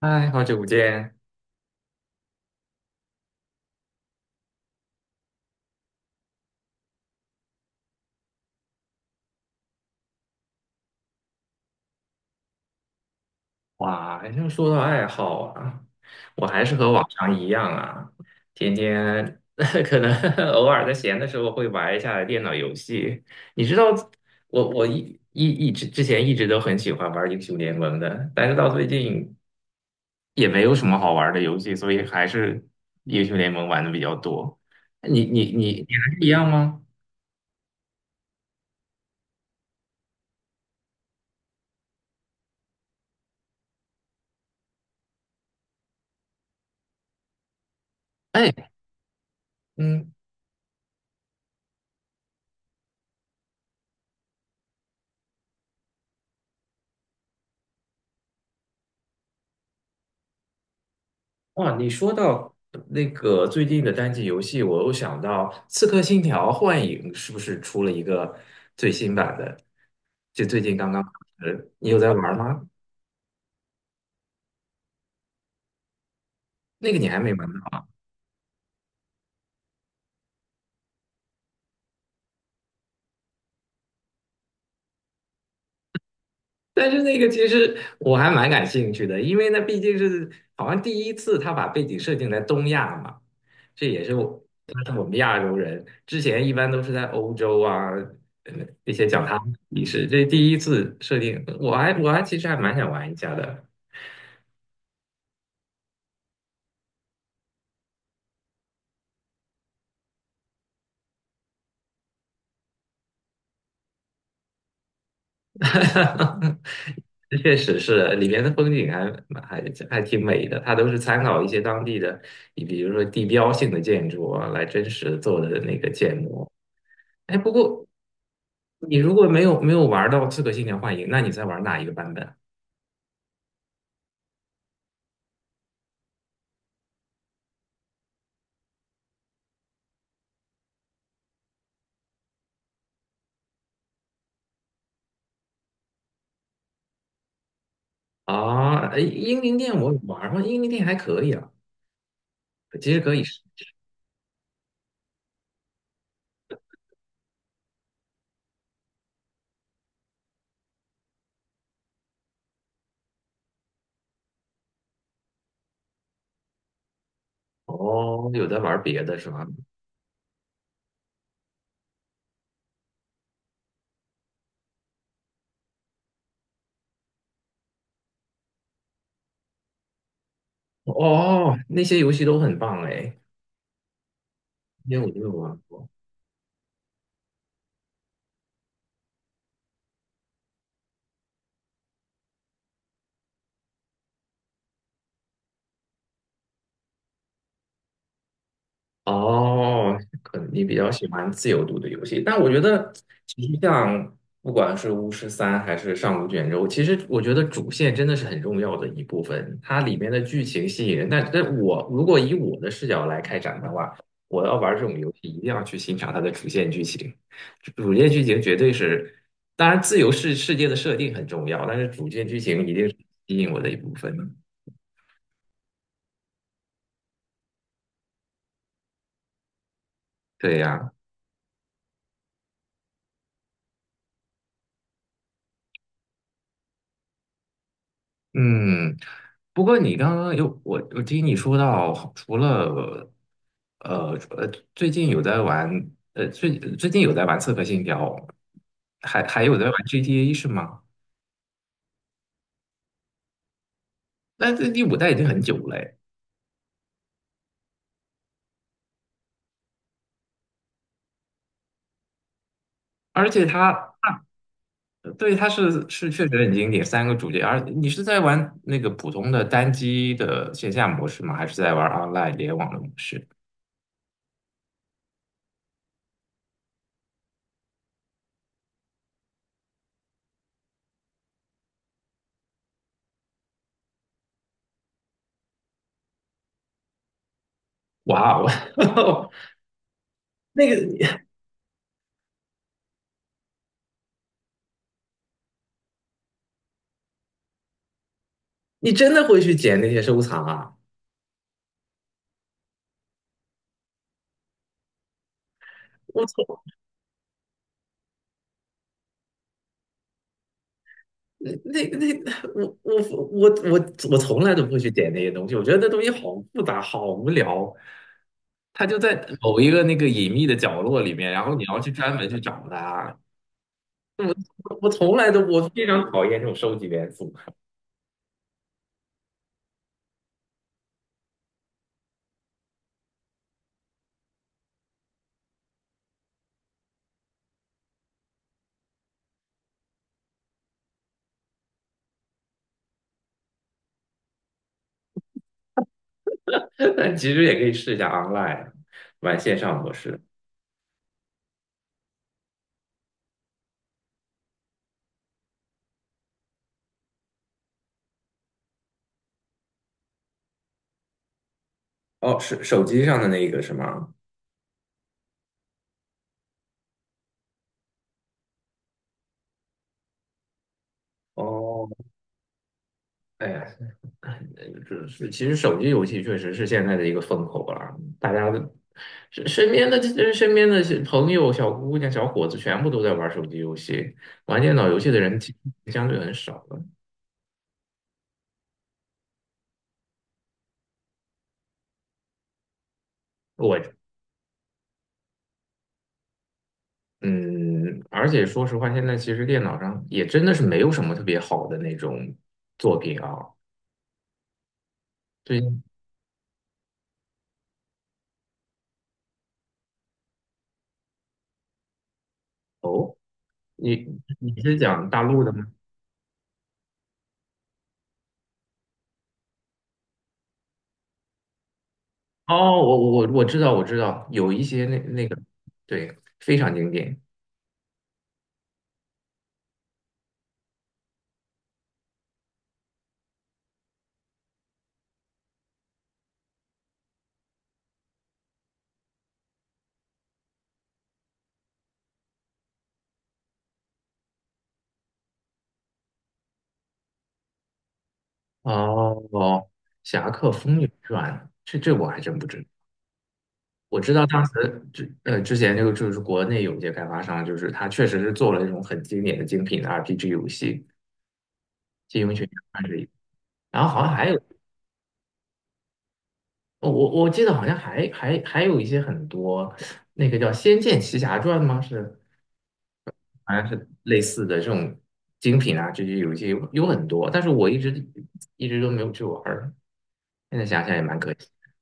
嗨，好久不见！哇，要说到爱好啊，我还是和往常一样啊，天天 可能 偶尔在闲的时候会玩一下电脑游戏。你知道，我我一一一直之前一直都很喜欢玩英雄联盟的，但是到最近也没有什么好玩的游戏，所以还是英雄联盟玩的比较多。你还是一样吗？哎。嗯啊，你说到那个最近的单机游戏，我又想到《刺客信条：幻影》是不是出了一个最新版的？就最近刚刚，呃，你有在玩吗？那个你还没玩到，但是那个其实我还蛮感兴趣的，因为那毕竟是好像第一次他把背景设定在东亚嘛，这也是我，他是我们亚洲人，之前一般都是在欧洲啊，呃那些讲他们的历史，这第一次设定，我还其实还蛮想玩一下的。确实是，里面的风景还蛮还还挺美的，它都是参考一些当地的，你比如说地标性的建筑啊，来真实做的那个建模。哎，不过你如果没有玩到《刺客信条：幻影》，那你在玩哪一个版本啊？哎，英灵殿我有玩过，英灵殿还可以啊，其实可以试。哦，有在玩别的是吧？哦，那些游戏都很棒哎，因为我就没有玩过。哦，可能你比较喜欢自由度的游戏，但我觉得其实像不管是巫师三还是上古卷轴，其实我觉得主线真的是很重要的一部分，它里面的剧情吸引人。但我如果以我的视角来开展的话，我要玩这种游戏一定要去欣赏它的主线剧情，主线剧情绝对是，当然自由界的设定很重要，但是主线剧情一定是吸引我的一部分。对呀。嗯，不过你刚刚有我，我听你说到，除了最近有在玩，最近有在玩《刺客信条》，还有在玩 GTA 是吗？那这第五代已经很久了诶，而且它，对，它是确实很经典，三个主角。而你是在玩那个普通的单机的线下模式吗？还是在玩 online 联网的模式？哇哦。那个你真的会去捡那些收藏啊？我那那那我我我我我从来都不会去点那些东西，我觉得那东西好复杂，好无聊。它就在某一个那个隐秘的角落里面，然后你要去专门去找它。我我从来都我非常讨厌这种收集元素。但其实也可以试一下 online 玩线上模式。哦，是手机上的那个是吗？哦，哎呀。这是其实手机游戏确实是现在的一个风口啊，大家的身边的朋友、小姑娘、小伙子全部都在玩手机游戏，玩电脑游戏的人其实相对很少了。我嗯，而且说实话，现在其实电脑上也真的是没有什么特别好的那种作品啊。对。哦，你你是讲大陆的吗？哦，我知道，有一些那个，对，非常经典。哦，《侠客风云传》，这我还真不知道。我知道当时之前就是国内有一些开发商，就是他确实是做了那种很经典的精品的 RPG 游戏，《金庸群侠传》是一，然后好像还有我记得好像还有一些很多那个叫《仙剑奇侠传》吗？是好像是类似的这种精品啊，这些游戏有很多，但是我一直都没有去玩儿，现在想想也蛮可惜的，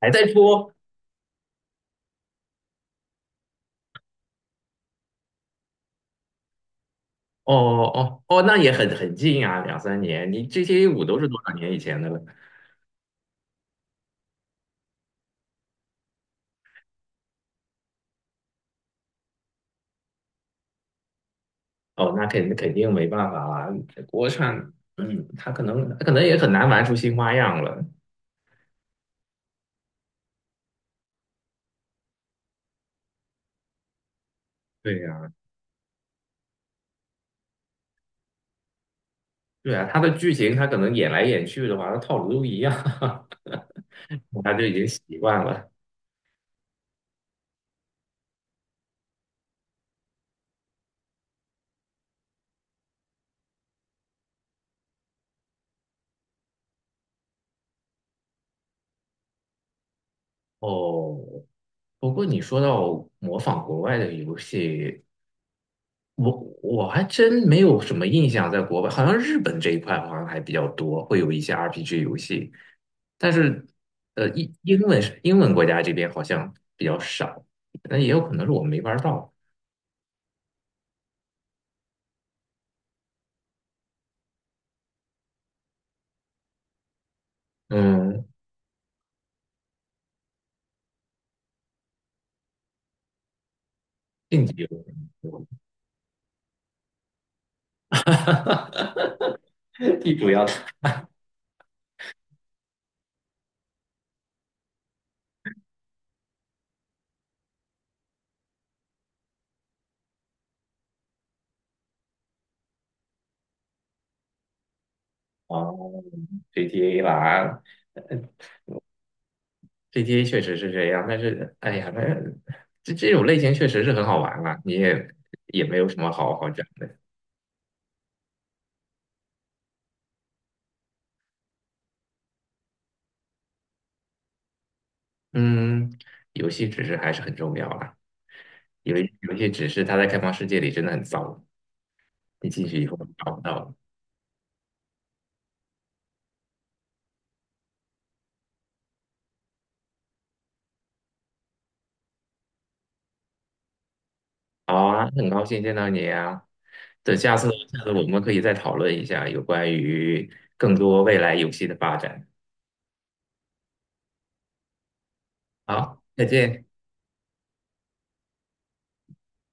还在出。哦哦哦，那也很近啊，两三年。你这些 a 五都是多少年以前的了？哦，那肯定没办法啊。国产，嗯，他可能也很难玩出新花样了。对呀，对啊，他的剧情他可能演来演去的话，他套路都一样。他就已经习惯了。哦，不过你说到模仿国外的游戏，我我还真没有什么印象，在国外好像日本这一块好像还比较多，会有一些 RPG 游戏，但是英文国家这边好像比较少，那也有可能是我没玩到。嗯。竞技游戏。地主要。哦，GTA 吧， GTA 确实是这样，但是哎呀，那这种类型确实是很好玩啊，你也没有什么好好讲。的。嗯，游戏知识还是很重要啦，有一些知识它在开放世界里真的很糟，你进去以后找不到了。好啊，很高兴见到你啊，等下次我们可以再讨论一下有关于更多未来游戏的发展。好，再见。